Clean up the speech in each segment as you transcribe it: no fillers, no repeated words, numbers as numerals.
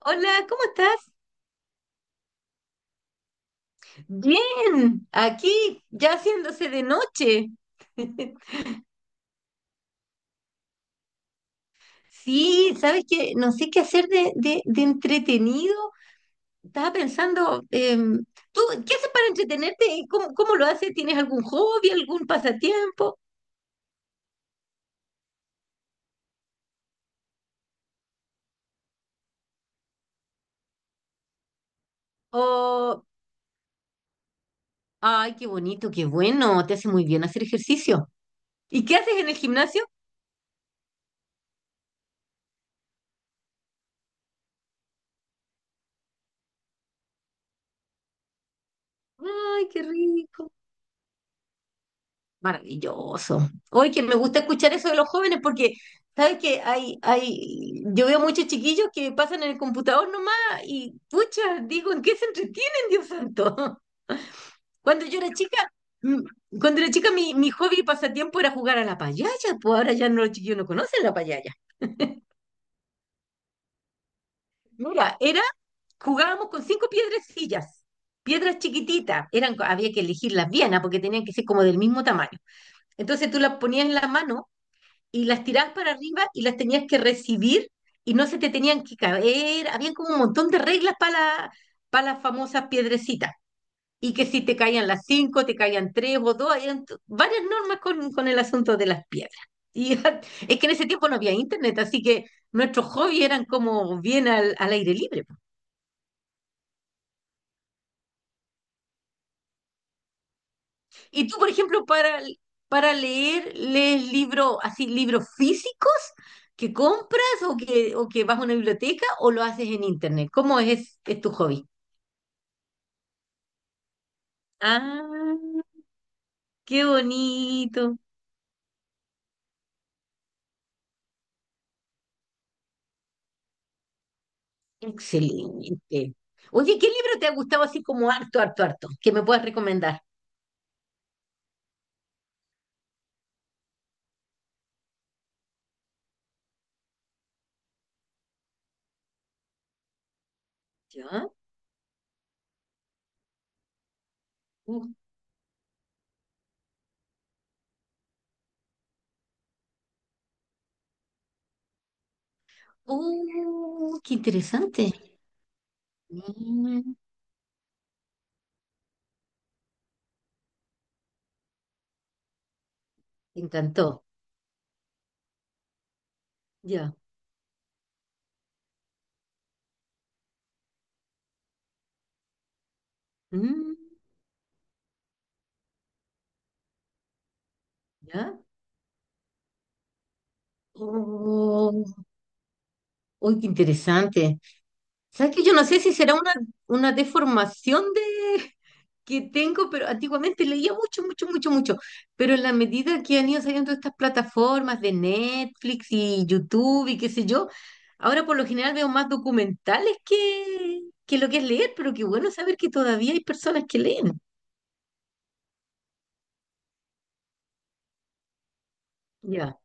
Hola, ¿cómo estás? Bien, aquí ya haciéndose de noche. Sí, sabes que no sé qué hacer de entretenido. Estaba pensando, ¿tú qué haces para entretenerte? ¿Cómo lo haces? ¿Tienes algún hobby, algún pasatiempo? O, ay, qué bonito, qué bueno, te hace muy bien hacer ejercicio. ¿Y qué haces en el gimnasio? Ay, qué rico. Maravilloso. Hoy que me gusta escuchar eso de los jóvenes porque, ¿sabes que hay, yo veo muchos chiquillos que pasan en el computador nomás y, pucha, digo, ¿en qué se entretienen, Dios santo? Cuando yo era chica, mm, cuando era chica mi hobby y pasatiempo era jugar a la payaya, pues ahora ya no los chiquillos no conocen la payaya. Mira, jugábamos con cinco piedrecillas, piedras chiquititas, eran, había que elegirlas bien, porque tenían que ser como del mismo tamaño. Entonces tú las ponías en la mano y las tirabas para arriba y las tenías que recibir y no se te tenían que caer. Habían como un montón de reglas para las famosas piedrecitas. Y que si te caían las cinco, te caían tres o dos, eran varias normas con el asunto de las piedras. Y es que en ese tiempo no había internet, así que nuestros hobbies eran como bien al aire libre. Y tú, por ejemplo, para leer, lees libros así, libros físicos que compras o o que vas a una biblioteca o lo haces en internet. ¿Cómo es tu hobby? Ah, qué bonito. Excelente. Oye, ¿qué libro te ha gustado así como harto, harto, harto? Que me puedas recomendar. ¿Ya? Uh, qué interesante. Mm, me encantó. Ya. Mm, ya. Oh, uy, qué interesante. ¿Sabes que yo no sé si será una deformación que tengo, pero antiguamente leía mucho, mucho, mucho, mucho. Pero en la medida que han ido saliendo estas plataformas de Netflix y YouTube y qué sé yo, ahora por lo general veo más documentales que lo que es leer, pero qué bueno saber que todavía hay personas que leen. Ya,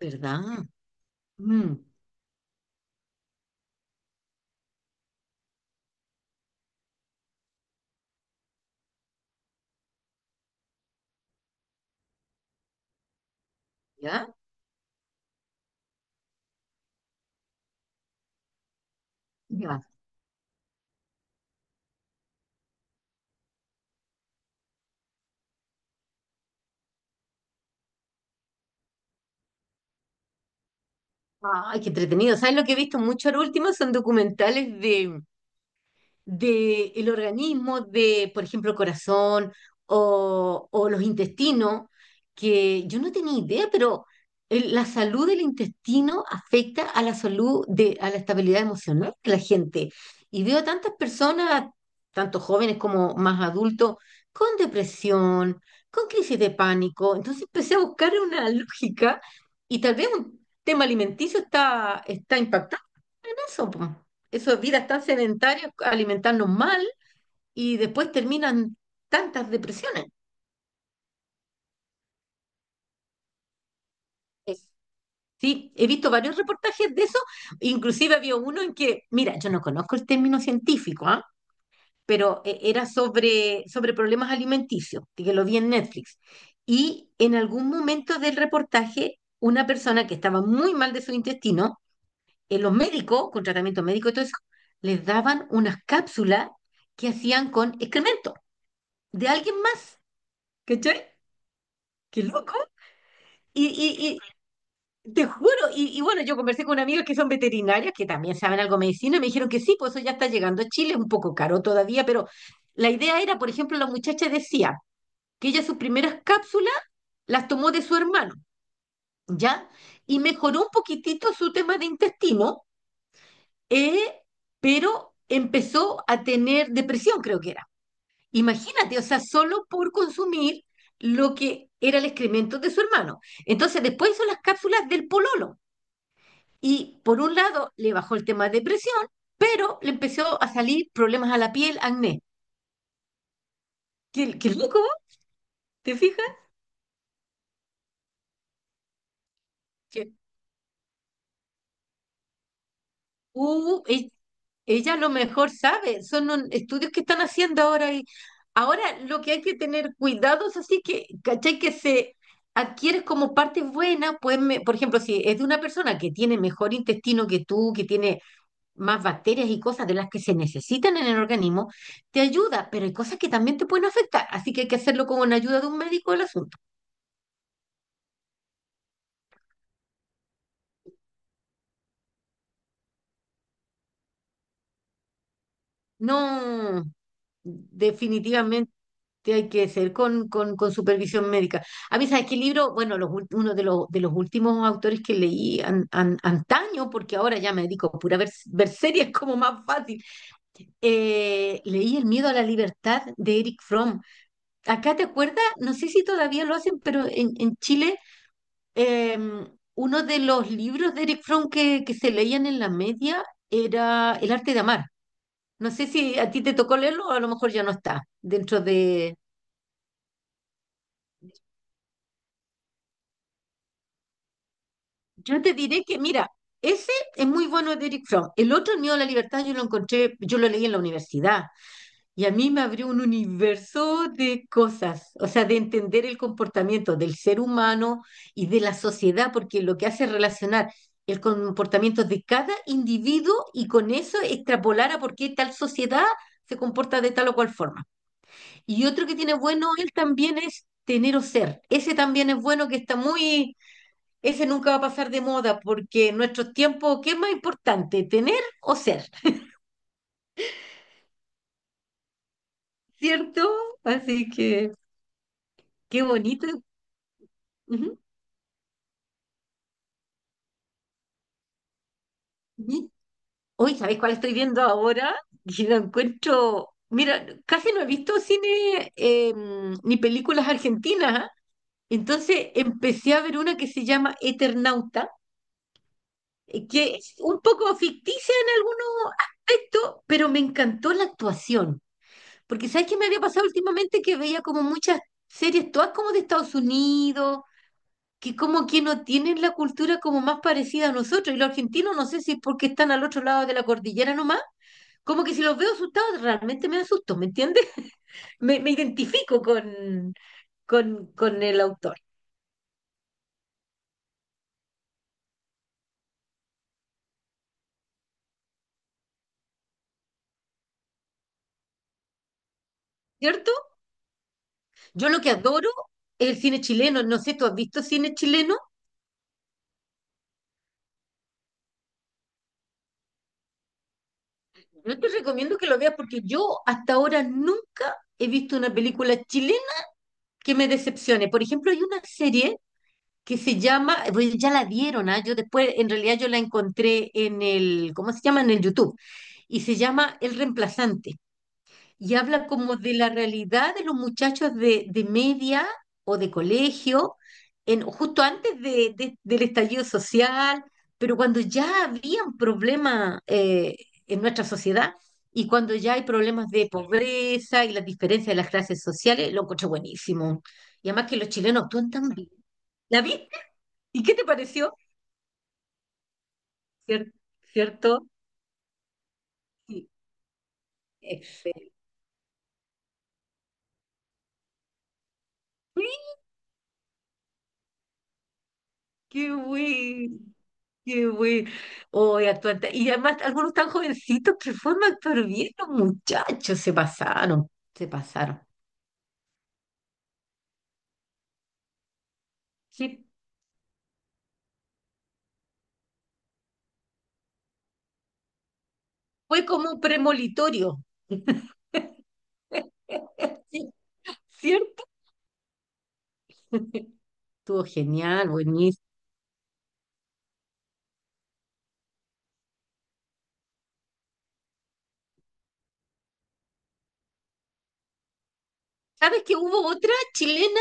¿verdad? Mm, ¿ya? Ya. Ay, qué entretenido. ¿Sabes lo que he visto mucho ahora último? Son documentales del organismo de, por ejemplo, el corazón o los intestinos, que yo no tenía idea, pero la salud del intestino afecta a la salud a la estabilidad emocional de la gente. Y veo tantas personas, tanto jóvenes como más adultos, con depresión, con crisis de pánico. Entonces empecé a buscar una lógica y tal vez un tema alimenticio está impactando eso, po. Eso, vidas tan sedentarias, alimentarnos mal y después terminan tantas depresiones. Es- Sí, he visto varios reportajes de eso, inclusive había uno en que, mira, yo no conozco el término científico, ¿ah? Pero era sobre problemas alimenticios, que lo vi en Netflix. Y en algún momento del reportaje, una persona que estaba muy mal de su intestino, los médicos, con tratamiento médico y todo eso, les daban unas cápsulas que hacían con excremento de alguien más, ¿cachai? Qué loco. Y, y, y te juro, y bueno, yo conversé con amigas que son veterinarias, que también saben algo de medicina, y me dijeron que sí, pues eso ya está llegando a Chile, es un poco caro todavía, pero la idea era, por ejemplo, la muchacha decía que ella sus primeras cápsulas las tomó de su hermano, ¿ya? Y mejoró un poquitito su tema de intestino, eh, pero empezó a tener depresión, creo que era. Imagínate, o sea, solo por consumir lo que era el excremento de su hermano. Entonces, después hizo las cápsulas del pololo. Y por un lado, le bajó el tema de depresión, pero le empezó a salir problemas a la piel, acné. Qué loco, ¿te fijas? Uh, e- ella, a lo mejor sabe, son estudios que están haciendo ahora y ahora lo que hay que tener cuidado es así que, ¿cachai? Que se adquieres como parte buena, pues, por ejemplo, si es de una persona que tiene mejor intestino que tú, que tiene más bacterias y cosas de las que se necesitan en el organismo, te ayuda, pero hay cosas que también te pueden afectar, así que hay que hacerlo con la ayuda de un médico el asunto. No, definitivamente. Que hay que ser con supervisión médica. A mí, ¿sabes qué libro? Bueno, uno de los últimos autores que leí antaño, porque ahora ya me dedico a pura ver, series como más fácil. Leí El miedo a la libertad de Eric Fromm. Acá te acuerdas, no sé si todavía lo hacen, pero en Chile, em, uno de los libros de Eric Fromm que se leían en la media era El arte de amar. No sé si a ti te tocó leerlo o a lo mejor ya no está dentro. Yo te diré que, mira, ese es muy bueno de Eric Fromm. El otro, El miedo a la libertad, yo lo leí en la universidad y a mí me abrió un universo de cosas, o sea, de entender el comportamiento del ser humano y de la sociedad, porque lo que hace es relacionar el comportamiento de cada individuo y con eso extrapolar a por qué tal sociedad se comporta de tal o cual forma. Y otro que tiene bueno él también es tener o ser. Ese también es bueno que está muy ese nunca va a pasar de moda porque en nuestros tiempos, ¿qué es más importante, tener o ser? ¿Cierto? Así que, qué bonito. Ujú. Y- Hoy, ¿sabéis cuál estoy viendo ahora? Y lo encuentro, mira, casi no he visto cine ni películas argentinas. ¿Ah? Entonces empecé a ver una que se llama Eternauta, que es un poco ficticia en algunos aspectos, pero me encantó la actuación. Porque ¿sabes qué me había pasado últimamente? Que veía como muchas series, todas como de Estados Unidos, que como que no tienen la cultura como más parecida a nosotros. Y los argentinos, no sé si es porque están al otro lado de la cordillera nomás, como que si los veo asustados, realmente me asusto, ¿me entiendes? Me identifico con, con el autor, ¿cierto? Yo lo que adoro es el cine chileno. No sé, ¿tú has visto cine chileno? Yo te recomiendo que lo veas porque yo hasta ahora nunca he visto una película chilena que me decepcione. Por ejemplo, hay una serie que se llama, pues ya la dieron, ¿ah? Yo después, en realidad yo la encontré en el, ¿cómo se llama? En el YouTube. Y se llama El Reemplazante. Y habla como de la realidad de los muchachos de media o de colegio, justo antes del estallido social, pero cuando ya había un problema en nuestra sociedad y cuando ya hay problemas de pobreza y las diferencias de las clases sociales, lo encontré buenísimo. Y además que los chilenos actúan tan bien. ¿La viste? ¿Y qué te pareció? Cier- ¿Cierto? Sí, excelente. Qué güey, qué güey. Hoy actúan. Y además, algunos tan jovencitos que forman actor bien, los muchachos se pasaron, se pasaron. Sí, fue como un premolitorio. Sí, ¿cierto? Estuvo genial, buenísimo. ¿Sabes que hubo otra chilena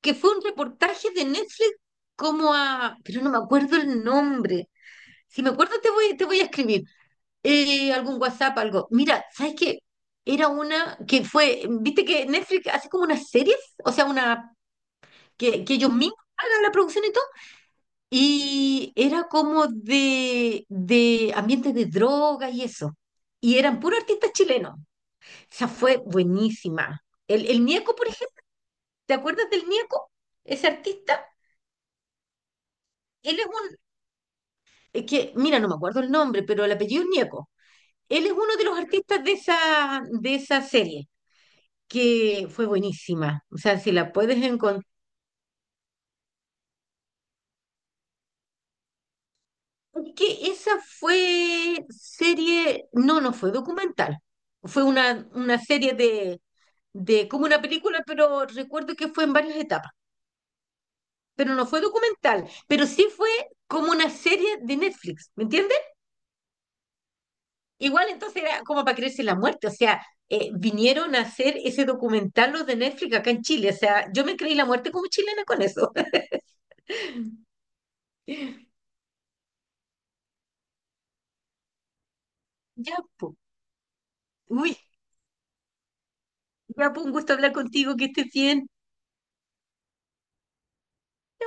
que fue un reportaje de Netflix pero no me acuerdo el nombre. Si me acuerdo te voy, a escribir. Algún WhatsApp, algo. Mira, ¿sabes qué? Era una viste que Netflix hace como unas series, o sea, una que ellos mismos hagan la producción y todo, y era como de ambientes de drogas y eso. Y eran puros artistas chilenos. Esa fue buenísima. El Nieco, por ejemplo, ¿te acuerdas del Nieco? Ese artista, él es un, es que, mira, no me acuerdo el nombre, pero el apellido es Nieco. Él es uno de los artistas de esa serie. Que fue buenísima. O sea, si la puedes encontrar. Es que esa fue serie, no, no fue documental. Fue una serie de como una película, pero recuerdo que fue en varias etapas. Pero no fue documental, pero sí fue como una serie de Netflix, ¿me entiendes? Igual entonces era como para creerse la muerte, o sea, vinieron a hacer ese documental los de Netflix acá en Chile, o sea, yo me creí la muerte como chilena con eso. Ya, po. Uy, ya, pues un gusto hablar contigo, que estés bien.